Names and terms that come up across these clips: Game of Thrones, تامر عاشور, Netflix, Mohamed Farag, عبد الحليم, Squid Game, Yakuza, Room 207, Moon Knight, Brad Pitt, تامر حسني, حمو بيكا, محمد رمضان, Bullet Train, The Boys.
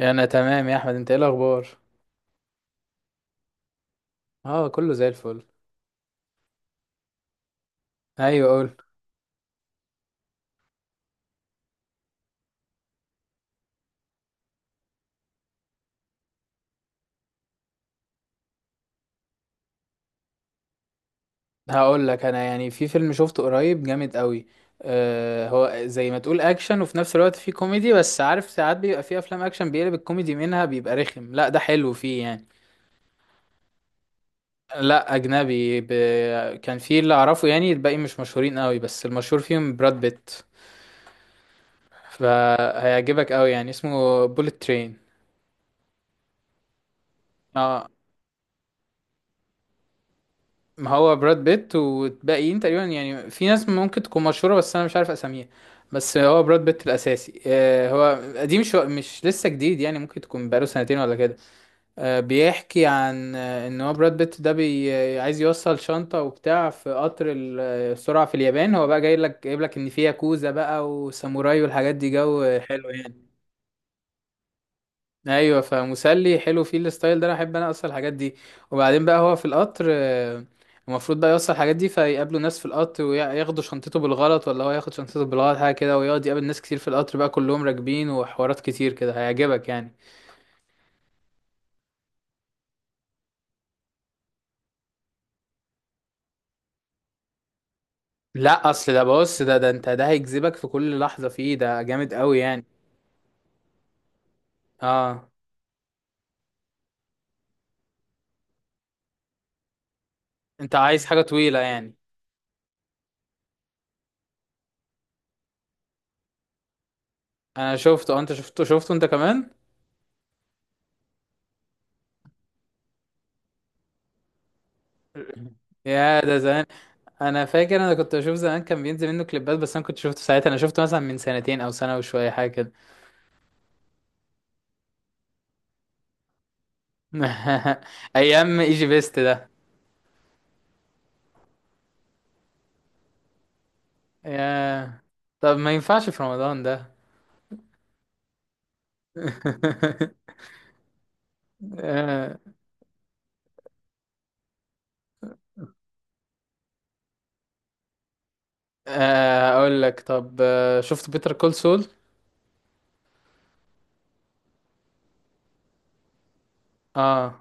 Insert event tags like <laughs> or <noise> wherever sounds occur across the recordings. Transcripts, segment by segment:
انا تمام يا احمد، انت ايه الاخبار؟ اه، كله زي الفل. ايوه، قول. هقول لك انا يعني في فيلم شفته قريب جامد قوي. هو زي ما تقول اكشن وفي نفس الوقت فيه كوميدي، بس عارف ساعات بيبقى فيه افلام اكشن بيقلب الكوميدي منها بيبقى رخم. لا، ده حلو فيه يعني. لا، اجنبي كان فيه اللي اعرفه، يعني الباقي مش مشهورين قوي، بس المشهور فيهم براد بيت. فهيعجبك قوي يعني، اسمه بوليت ترين. اه، ما هو براد بيت، والباقيين تقريبا يعني في ناس ممكن تكون مشهورة بس أنا مش عارف أساميها. بس هو براد بيت الأساسي. هو قديم شو مش لسه جديد، يعني ممكن تكون بقاله سنتين ولا كده. بيحكي عن إن هو براد بيت ده بي آه، عايز يوصل شنطة وبتاع في قطر السرعة في اليابان. هو بقى جاي لك جايب لك إن في ياكوزا بقى وساموراي والحاجات دي، جو حلو يعني. ايوه، فمسلي حلو فيه الستايل ده، انا احب، انا اصلا الحاجات دي. وبعدين بقى هو في القطر، المفروض بقى يوصل الحاجات دي، فيقابلوا ناس في القطر وياخدوا شنطته بالغلط، ولا هو ياخد شنطته بالغلط حاجه كده، ويقعد يقابل ناس كتير في القطر بقى كلهم راكبين، وحوارات كتير كده. هيعجبك يعني. لا، اصل ده، بص، ده انت ده هيجذبك في كل لحظه فيه، ده جامد قوي يعني. اه، انت عايز حاجه طويله يعني؟ انا شفته. انت شفته انت كمان؟ يا، ده زمان. انا فاكر انا كنت بشوف زمان كان بينزل منه كليبات، بس انا كنت شفته ساعتها، انا شفته مثلا من سنتين او سنه وشويه حاجه كده. <laughs> ايام ايجي بيست ده. يا، طب ما ينفعش في رمضان ده. <laughs> آه، اقول لك طب، شفت بيتر كول سول؟ اه،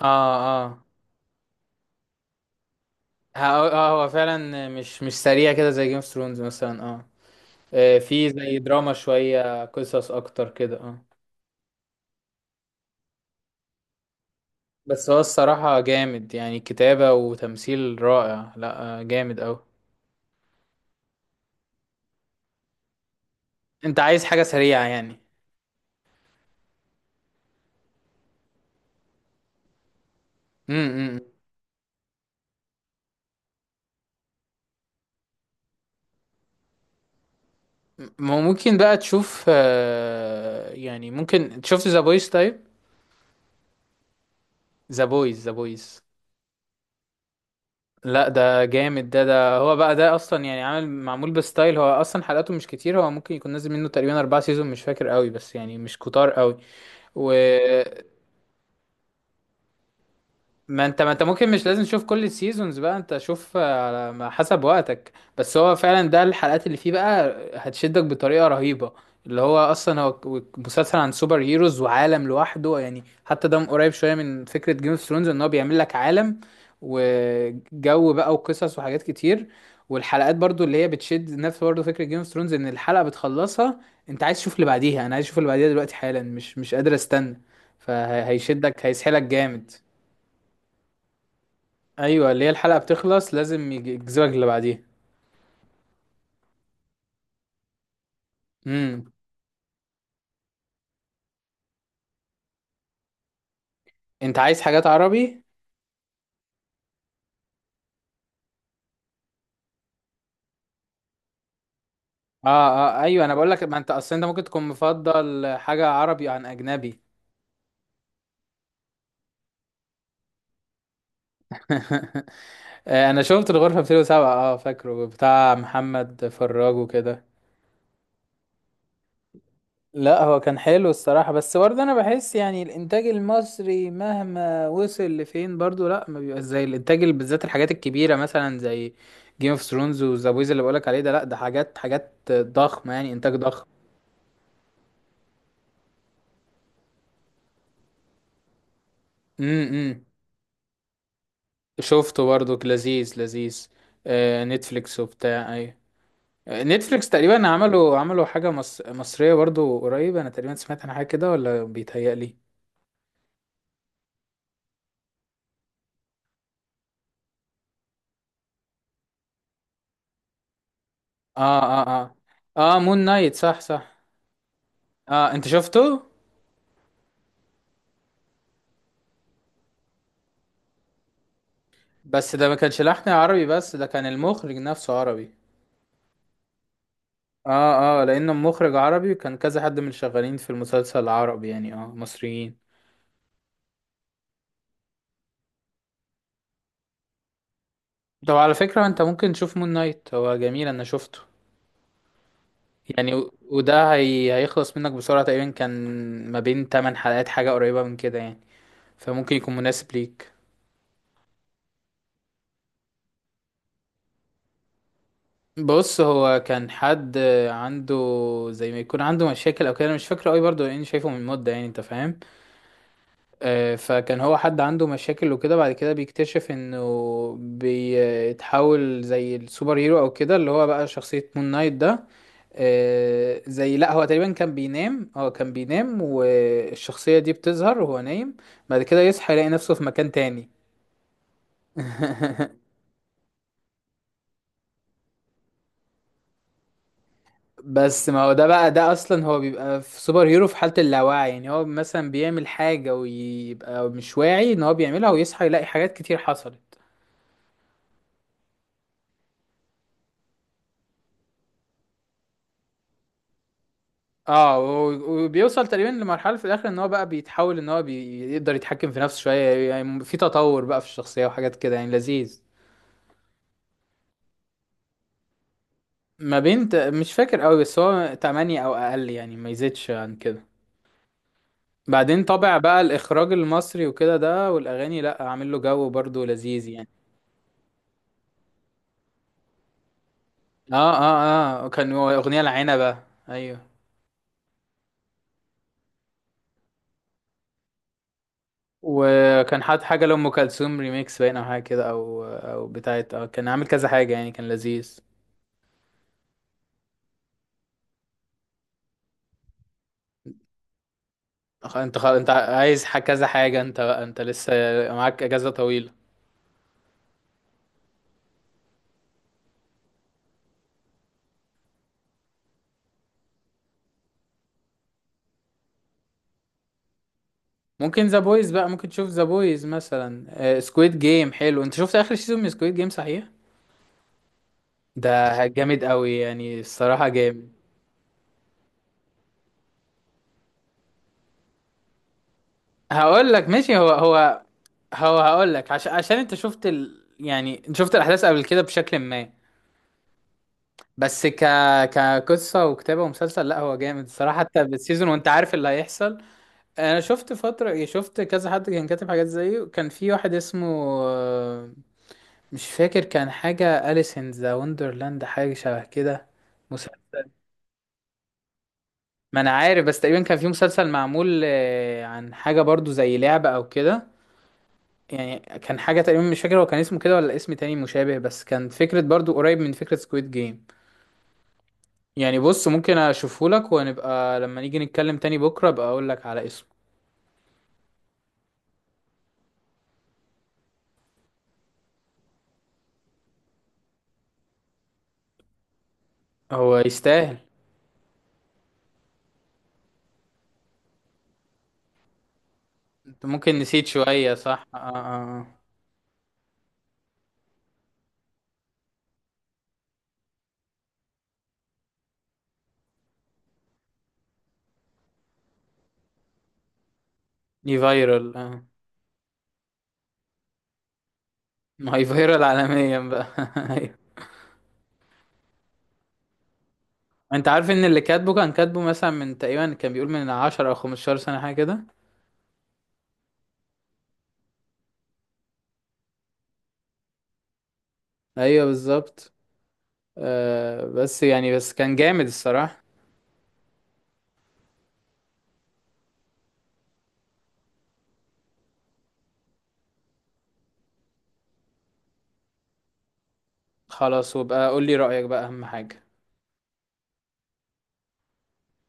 اه، اه، هو فعلا مش سريع كده زي جيم اوف ثرونز مثلا، اه. في زي دراما شويه قصص اكتر كده، اه. بس هو الصراحة جامد يعني، كتابة وتمثيل رائع. لا جامد أوي. أنت عايز حاجة سريعة يعني؟ امم. ما هو ممكن بقى تشوف، يعني ممكن شفت ذا بويز طيب؟ ذا بويز. ذا بويز. لا، ده جامد. ده هو بقى، ده أصلا يعني عامل معمول بستايل. هو أصلا حلقاته مش كتير، هو ممكن يكون نازل منه تقريبا 4 سيزون، مش فاكر قوي، بس يعني مش كتار قوي. و ما انت ممكن مش لازم تشوف كل السيزونز بقى، انت شوف على ما حسب وقتك. بس هو فعلا، ده الحلقات اللي فيه بقى هتشدك بطريقة رهيبة. اللي هو اصلا هو مسلسل عن سوبر هيروز وعالم لوحده يعني، حتى ده قريب شوية من فكرة جيم اوف ثرونز ان هو بيعمل لك عالم وجو بقى وقصص وحاجات كتير. والحلقات برضو اللي هي بتشد، نفس برضو فكرة جيم اوف ثرونز ان الحلقة بتخلصها، انت عايز تشوف اللي بعديها، انا عايز اشوف اللي بعديها دلوقتي حالا، مش قادر استنى. فهيشدك هيسحلك جامد. ايوه، اللي هي الحلقه بتخلص لازم يجذبك اللي بعديها. امم. انت عايز حاجات عربي؟ اه، اه، ايوه، انا بقول لك، ما انت اصل انت ممكن تكون مفضل حاجه عربي عن اجنبي. <laughs> انا شفت الغرفه 207، اه فاكره، بتاع محمد فراج وكده. لا، هو كان حلو الصراحه، بس برضه انا بحس يعني الانتاج المصري مهما وصل لفين برضه لا، ما بيبقاش زي الانتاج بالذات الحاجات الكبيره مثلا زي جيم اوف ثرونز وذا بويز اللي بقولك عليه ده. لا، ده حاجات ضخمه يعني، انتاج ضخم. امم. شفته برضو، لذيذ لذيذ. آه، نتفليكس وبتاع، ايوه. نتفليكس تقريبا عملوا حاجة مصرية برضو قريب، انا تقريبا سمعت عن حاجة كده، ولا بيتهيألي. اه، اه، اه، اه، مون نايت، صح، صح. اه، انت شفته؟ بس ده ما كانش لحن عربي، بس ده كان المخرج نفسه عربي. اه، اه، لانه مخرج عربي، وكان كذا حد من اللي شغالين في المسلسل العربي يعني اه مصريين. طب، على فكرة، انت ممكن تشوف مون نايت، هو جميل، انا شفته. يعني وده هيخلص منك بسرعة تقريبا، كان ما بين 8 حلقات، حاجة قريبة من كده يعني. فممكن يكون مناسب ليك. بص، هو كان حد عنده، زي ما يكون عنده مشاكل او كده، انا مش فاكره قوي برضه لاني شايفه من مده، يعني انت فاهم. فكان هو حد عنده مشاكل وكده، بعد كده بيكتشف انه بيتحول زي السوبر هيرو او كده، اللي هو بقى شخصيه مون نايت ده. زي، لا هو تقريبا كان بينام والشخصية دي بتظهر وهو نايم، بعد كده يصحى يلاقي نفسه في مكان تاني. <laughs> بس ما هو ده بقى، ده اصلا هو بيبقى في سوبر هيرو في حالة اللاوعي، يعني هو مثلا بيعمل حاجة ويبقى مش واعي ان هو بيعملها، ويصحى يلاقي حاجات كتير حصلت. اه، وبيوصل تقريبا لمرحلة في الاخر ان هو بقى بيتحول، ان هو بيقدر يتحكم في نفسه شوية، يعني في تطور بقى في الشخصية وحاجات كده، يعني لذيذ. ما بين مش فاكر قوي، بس هو 8 او اقل يعني، ما يزيدش عن كده. بعدين طبع بقى الاخراج المصري وكده ده، والاغاني، لا، عامل له جو برضه لذيذ يعني. اه، اه، اه، كان هو اغنية العنبة. ايوه. وكان حاط حاجة لأم كلثوم ريميكس باين او حاجة كده، او بتاعت اه كان عامل كذا حاجة يعني، كان لذيذ. انت انت عايز كذا حاجة، انت بقى لسه معاك اجازة طويلة. ممكن ذا بويز بقى، ممكن تشوف ذا بويز مثلا. سكويد جيم حلو، انت شفت اخر سيزون من سكويد جيم، صحيح؟ ده جامد قوي يعني، الصراحة جامد. هقول لك ماشي. هو هقول لك، عشان انت شفت يعني انت شفت الاحداث قبل كده بشكل ما. بس كقصة وكتابة ومسلسل، لا هو جامد الصراحة، حتى بالسيزون وانت عارف اللي هيحصل. انا شفت فترة يعني، شفت كذا حد كان كاتب حاجات زيه، كان في واحد اسمه آه، مش فاكر، كان حاجة أليس ان ذا وندرلاند، حاجة شبه كده. مسلسل. ما انا عارف، بس تقريبا كان في مسلسل معمول عن حاجة برضو زي لعبة او كده. يعني كان حاجة تقريبا، مش فاكر هو كان اسمه كده ولا اسم تاني مشابه، بس كان فكرة برضو قريب من فكرة سكويد جيم. يعني بص، ممكن اشوفه لك ونبقى لما نيجي نتكلم تاني بكرة ابقى اقول لك على اسمه. هو يستاهل. انت ممكن نسيت شوية، صح؟ اه، اه. آه. دي فايرال، اه. ما هي فايرال عالميا بقى. <laughs> ايوه. انت عارف ان اللي كاتبه، كان كاتبه مثلا من تقريبا كان بيقول من 10 او 15 سنة حاجة كده. ايوه، بالظبط. آه، بس يعني بس كان جامد الصراحة. خلاص، وبقى قول لي رأيك بقى، اهم حاجة.